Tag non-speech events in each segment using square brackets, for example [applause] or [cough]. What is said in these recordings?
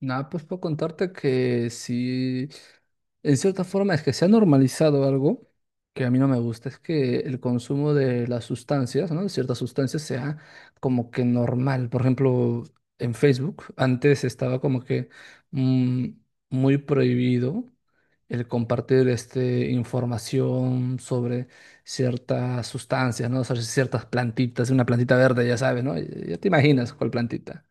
Nada, pues puedo contarte que sí, en cierta forma es que se ha normalizado algo que a mí no me gusta, es que el consumo de las sustancias, ¿no? De ciertas sustancias sea como que normal. Por ejemplo, en Facebook antes estaba como que mm, muy prohibido el compartir información sobre ciertas sustancias, ¿no? O sea, ciertas plantitas, una plantita verde, ya sabes, ¿no? Ya te imaginas cuál plantita.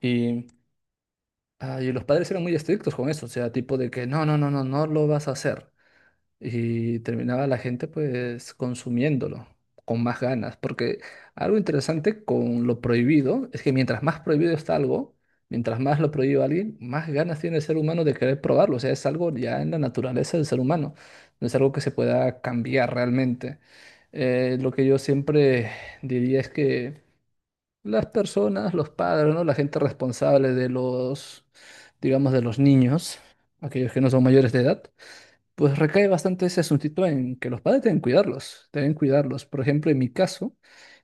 y y los padres eran muy estrictos con eso, o sea, tipo de que no lo vas a hacer. Y terminaba la gente pues consumiéndolo con más ganas, porque algo interesante con lo prohibido es que mientras más prohibido está algo, mientras más lo prohíbe alguien, más ganas tiene el ser humano de querer probarlo, o sea, es algo ya en la naturaleza del ser humano, no es algo que se pueda cambiar realmente. Lo que yo siempre diría es que las personas, los padres, ¿no? La gente responsable de los, digamos, de los niños, aquellos que no son mayores de edad, pues recae bastante ese asuntito en que los padres deben cuidarlos, deben cuidarlos. Por ejemplo, en mi caso,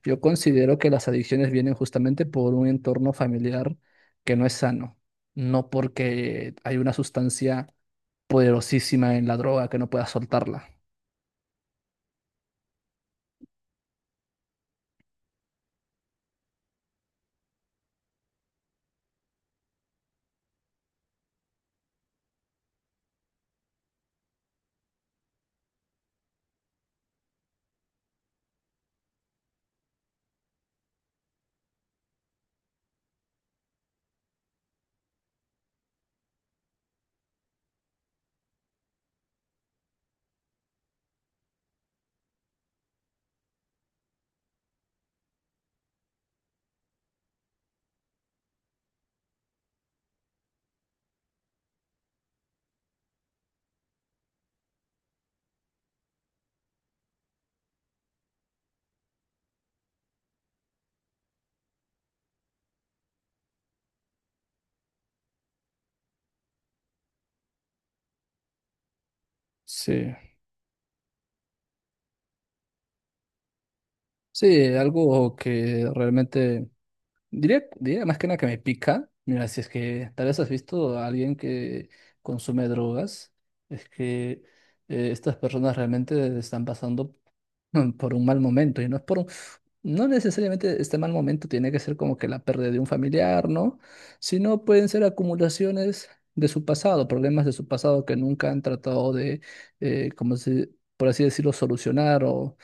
yo considero que las adicciones vienen justamente por un entorno familiar que no es sano, no porque hay una sustancia poderosísima en la droga que no pueda soltarla. Sí. Sí, algo que realmente diría más que nada que me pica. Mira, si es que tal vez has visto a alguien que consume drogas, es que estas personas realmente están pasando [laughs] por un mal momento y no es no necesariamente este mal momento tiene que ser como que la pérdida de un familiar, ¿no? Sino pueden ser acumulaciones de su pasado, problemas de su pasado que nunca han tratado de, eh, como se- por así decirlo, solucionar o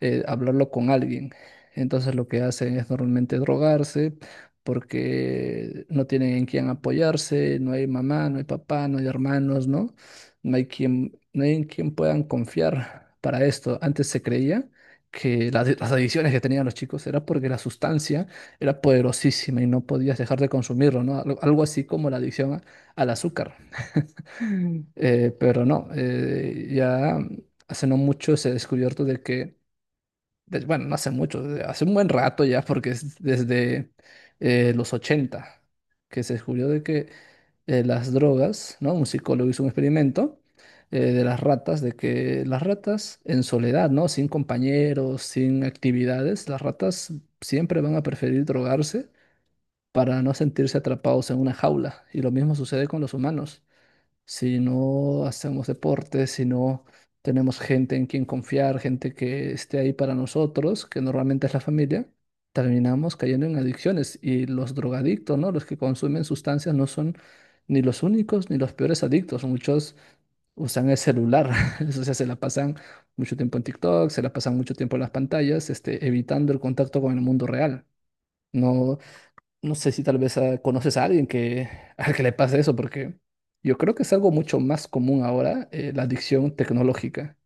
hablarlo con alguien. Entonces lo que hacen es normalmente drogarse porque no tienen en quién apoyarse, no hay mamá, no hay papá, no hay hermanos, ¿no? No hay en quien puedan confiar para esto. Antes se creía que las adicciones que tenían los chicos era porque la sustancia era poderosísima y no podías dejar de consumirlo, ¿no? Algo así como la al azúcar. Mm. Ya hace no mucho se ha descubierto de que bueno, no hace mucho, hace un buen rato ya, porque es desde los 80 que se descubrió de que las drogas, ¿no? Un psicólogo hizo un experimento, de las ratas, de que las ratas en soledad, ¿no? Sin compañeros, sin actividades, las ratas siempre van a preferir drogarse para no sentirse atrapados en una jaula. Y lo mismo sucede con los humanos si no hacemos deporte, si no tenemos gente en quien confiar, gente que esté ahí para nosotros, que normalmente es la familia, terminamos cayendo en adicciones. Y los drogadictos, ¿no? Los que consumen sustancias no son ni los únicos ni los peores adictos. Muchos usan el celular, [laughs] o sea, se la pasan mucho tiempo en TikTok, se la pasan mucho tiempo en las pantallas, evitando el contacto con el mundo real. No, no sé si tal vez conoces a alguien que, [laughs] al que le pase eso, porque yo creo que es algo mucho más común ahora, la adicción tecnológica.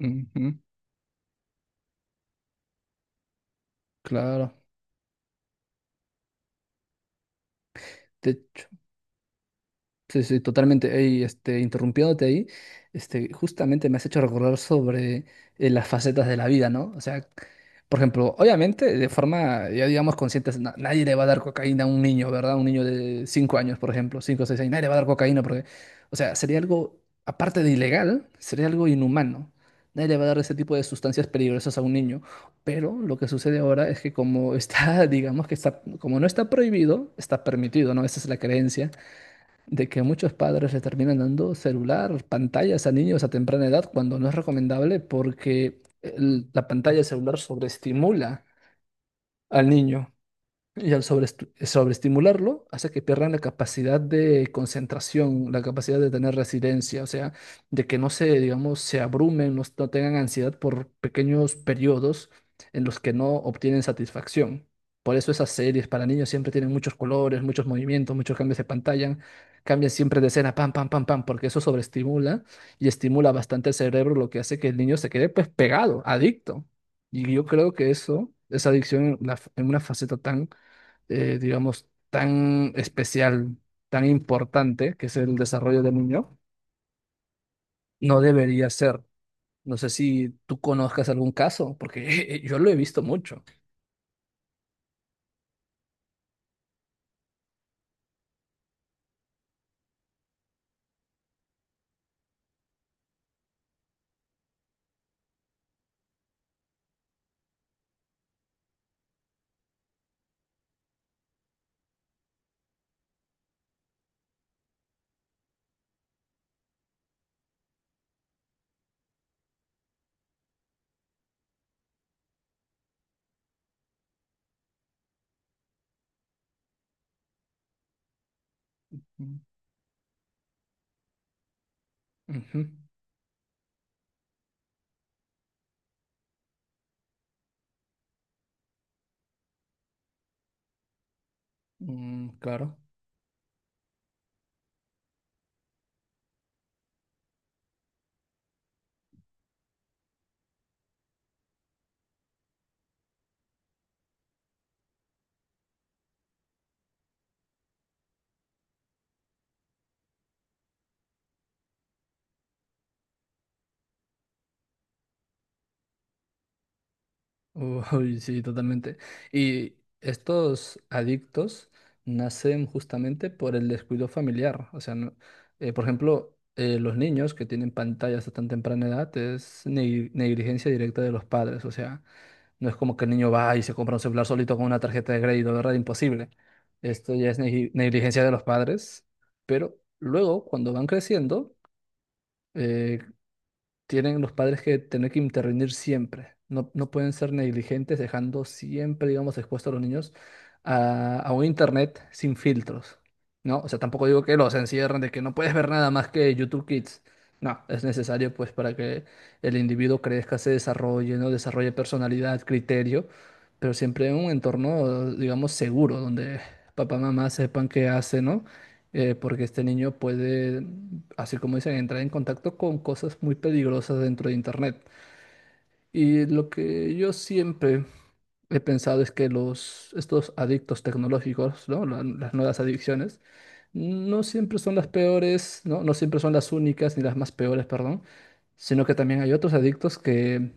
Ujú, claro. De- Sí, sí, totalmente. Ey, interrumpiéndote ahí, justamente me has hecho recordar sobre las facetas de la vida, ¿no? O sea, por ejemplo, obviamente, de forma, ya digamos, consciente, nadie le va a dar cocaína a un niño, ¿verdad? Un niño de 5 años, por ejemplo, 5 o 6 años, nadie le va a dar cocaína porque, o sea, sería algo, aparte de ilegal, sería algo inhumano. Nadie le va a dar ese tipo de sustancias peligrosas a un niño. Pero lo que sucede ahora es que como está, [laughs] digamos que está, como no está prohibido, está permitido, ¿no? Esa es la creencia de que muchos padres le terminan dando celular, pantallas a niños a temprana edad cuando no es recomendable porque la pantalla celular sobreestimula al niño. Y al sobreestimularlo hace que pierdan la capacidad de concentración, la capacidad de tener residencia, o sea, de que no se, digamos, se abrumen, no tengan ansiedad por pequeños periodos en los que no obtienen satisfacción. Por eso esas series para niños siempre tienen muchos colores, muchos movimientos, muchos cambios de pantalla, cambian siempre de escena, pam, pam, pam, pam, porque eso sobreestimula y estimula bastante el cerebro, lo que hace que el niño se quede pues pegado, adicto. Y yo creo que eso, esa adicción en una faceta tan digamos, tan especial, tan importante, que es el desarrollo del niño, no debería ser. No sé si tú conozcas algún caso, porque [laughs] yo lo he visto mucho. Mm, ujú. Mm, claro. Uy, sí, totalmente. Y estos adictos nacen justamente por el descuido familiar. O sea, por ejemplo, los niños que tienen pantallas a tan temprana edad es negligencia directa de los padres. O sea, no es como que el niño va y se compra un celular solito con una tarjeta de crédito, ¿verdad? Imposible. Esto ya es negligencia de los padres. Pero luego, cuando van creciendo, eh, tienen los padres que tener que intervenir siempre. No, no pueden ser negligentes dejando siempre, digamos, expuestos a los niños a un internet sin filtros, ¿no? O sea, tampoco digo que los encierren de que no puedes ver nada más que YouTube Kids. No, es necesario pues para que el individuo crezca, se desarrolle, ¿no? Desarrolle personalidad, criterio, pero siempre en un entorno, digamos, seguro, donde papá, mamá sepan qué hace, ¿no? Porque este niño puede, así como dicen, entrar en contacto con cosas muy peligrosas dentro de Internet. Y lo que yo siempre he pensado es que estos adictos tecnológicos, ¿no? Las nuevas adicciones, no siempre son las peores, ¿no? No siempre son las únicas ni las más peores, perdón, sino que también hay otros adictos que,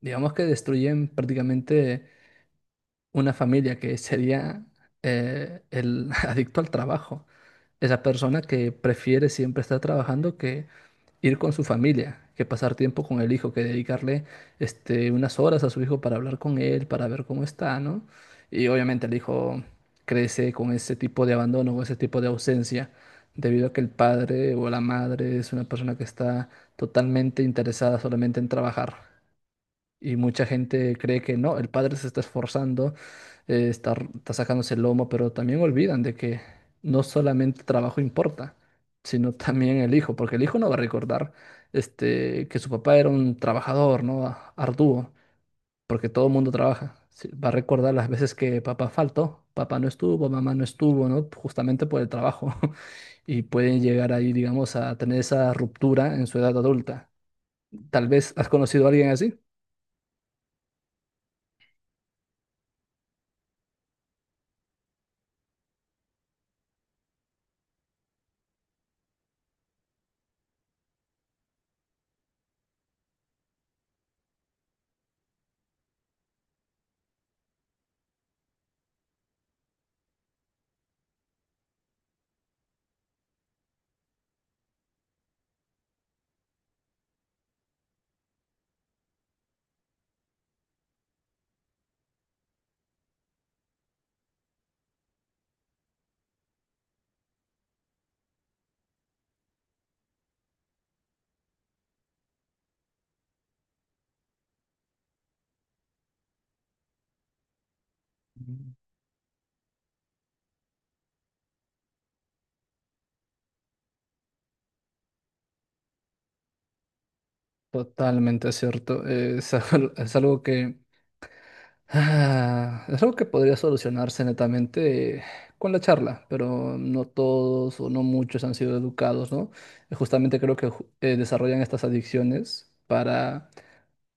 digamos que destruyen prácticamente una familia que sería el [laughs] adicto al trabajo, esa persona que prefiere siempre estar trabajando que ir con su familia, que pasar tiempo con el hijo, que dedicarle unas horas a su hijo para hablar con él, para ver cómo está, ¿no? Y obviamente el hijo crece con ese tipo de abandono, con ese tipo de ausencia, debido a que el padre o la madre es una persona que está totalmente interesada solamente en trabajar. Y mucha gente cree que no, el padre se está esforzando, está sacándose el lomo, pero también olvidan de que no solamente el trabajo importa, sino [laughs] también el hijo, porque el hijo no va a recordar que su papá era un trabajador, ¿no? Arduo, porque todo el mundo trabaja. Sí, va a recordar las veces que papá faltó, papá no estuvo, mamá no estuvo, ¿no? Justamente por el trabajo. [laughs] Y pueden llegar ahí, digamos, a tener esa ruptura en su edad adulta. Tal vez has conocido a alguien así. Totalmente cierto. Es algo que es algo que podría solucionarse netamente con la charla, pero no todos o no muchos han sido educados, ¿no? Justamente creo que desarrollan estas adicciones para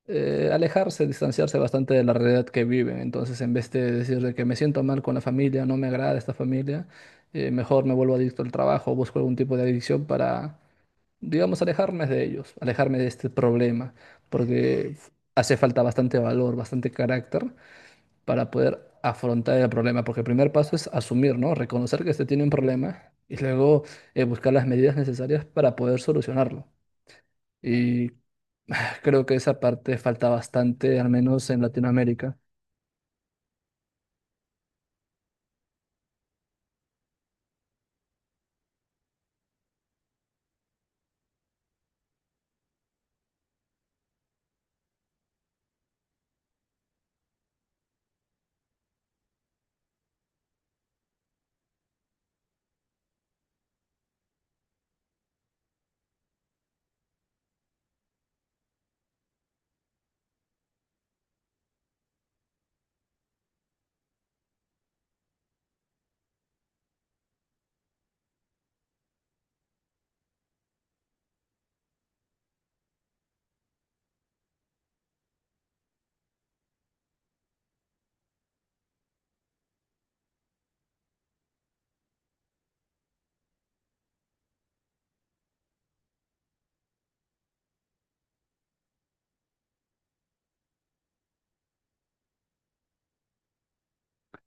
alejarse, distanciarse bastante de la realidad que viven. Entonces, en vez de decir de que me siento mal con la familia, no me agrada esta familia, mejor me vuelvo adicto al trabajo, busco algún tipo de adicción para digamos, alejarme de ellos, alejarme de este problema, porque hace falta bastante valor, bastante carácter para poder afrontar el problema, porque el primer paso es asumir, ¿no? Reconocer que se tiene un problema y luego buscar las medidas necesarias para poder solucionarlo. Y creo que esa parte falta bastante, al menos en Latinoamérica.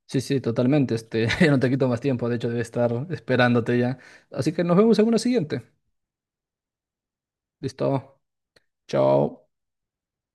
Sí, sí, totalmente. Este, [laughs] ya no te quito más tiempo, de hecho, debe estar esperándote ya. Así que nos vemos en una siguiente. Listo. Chao.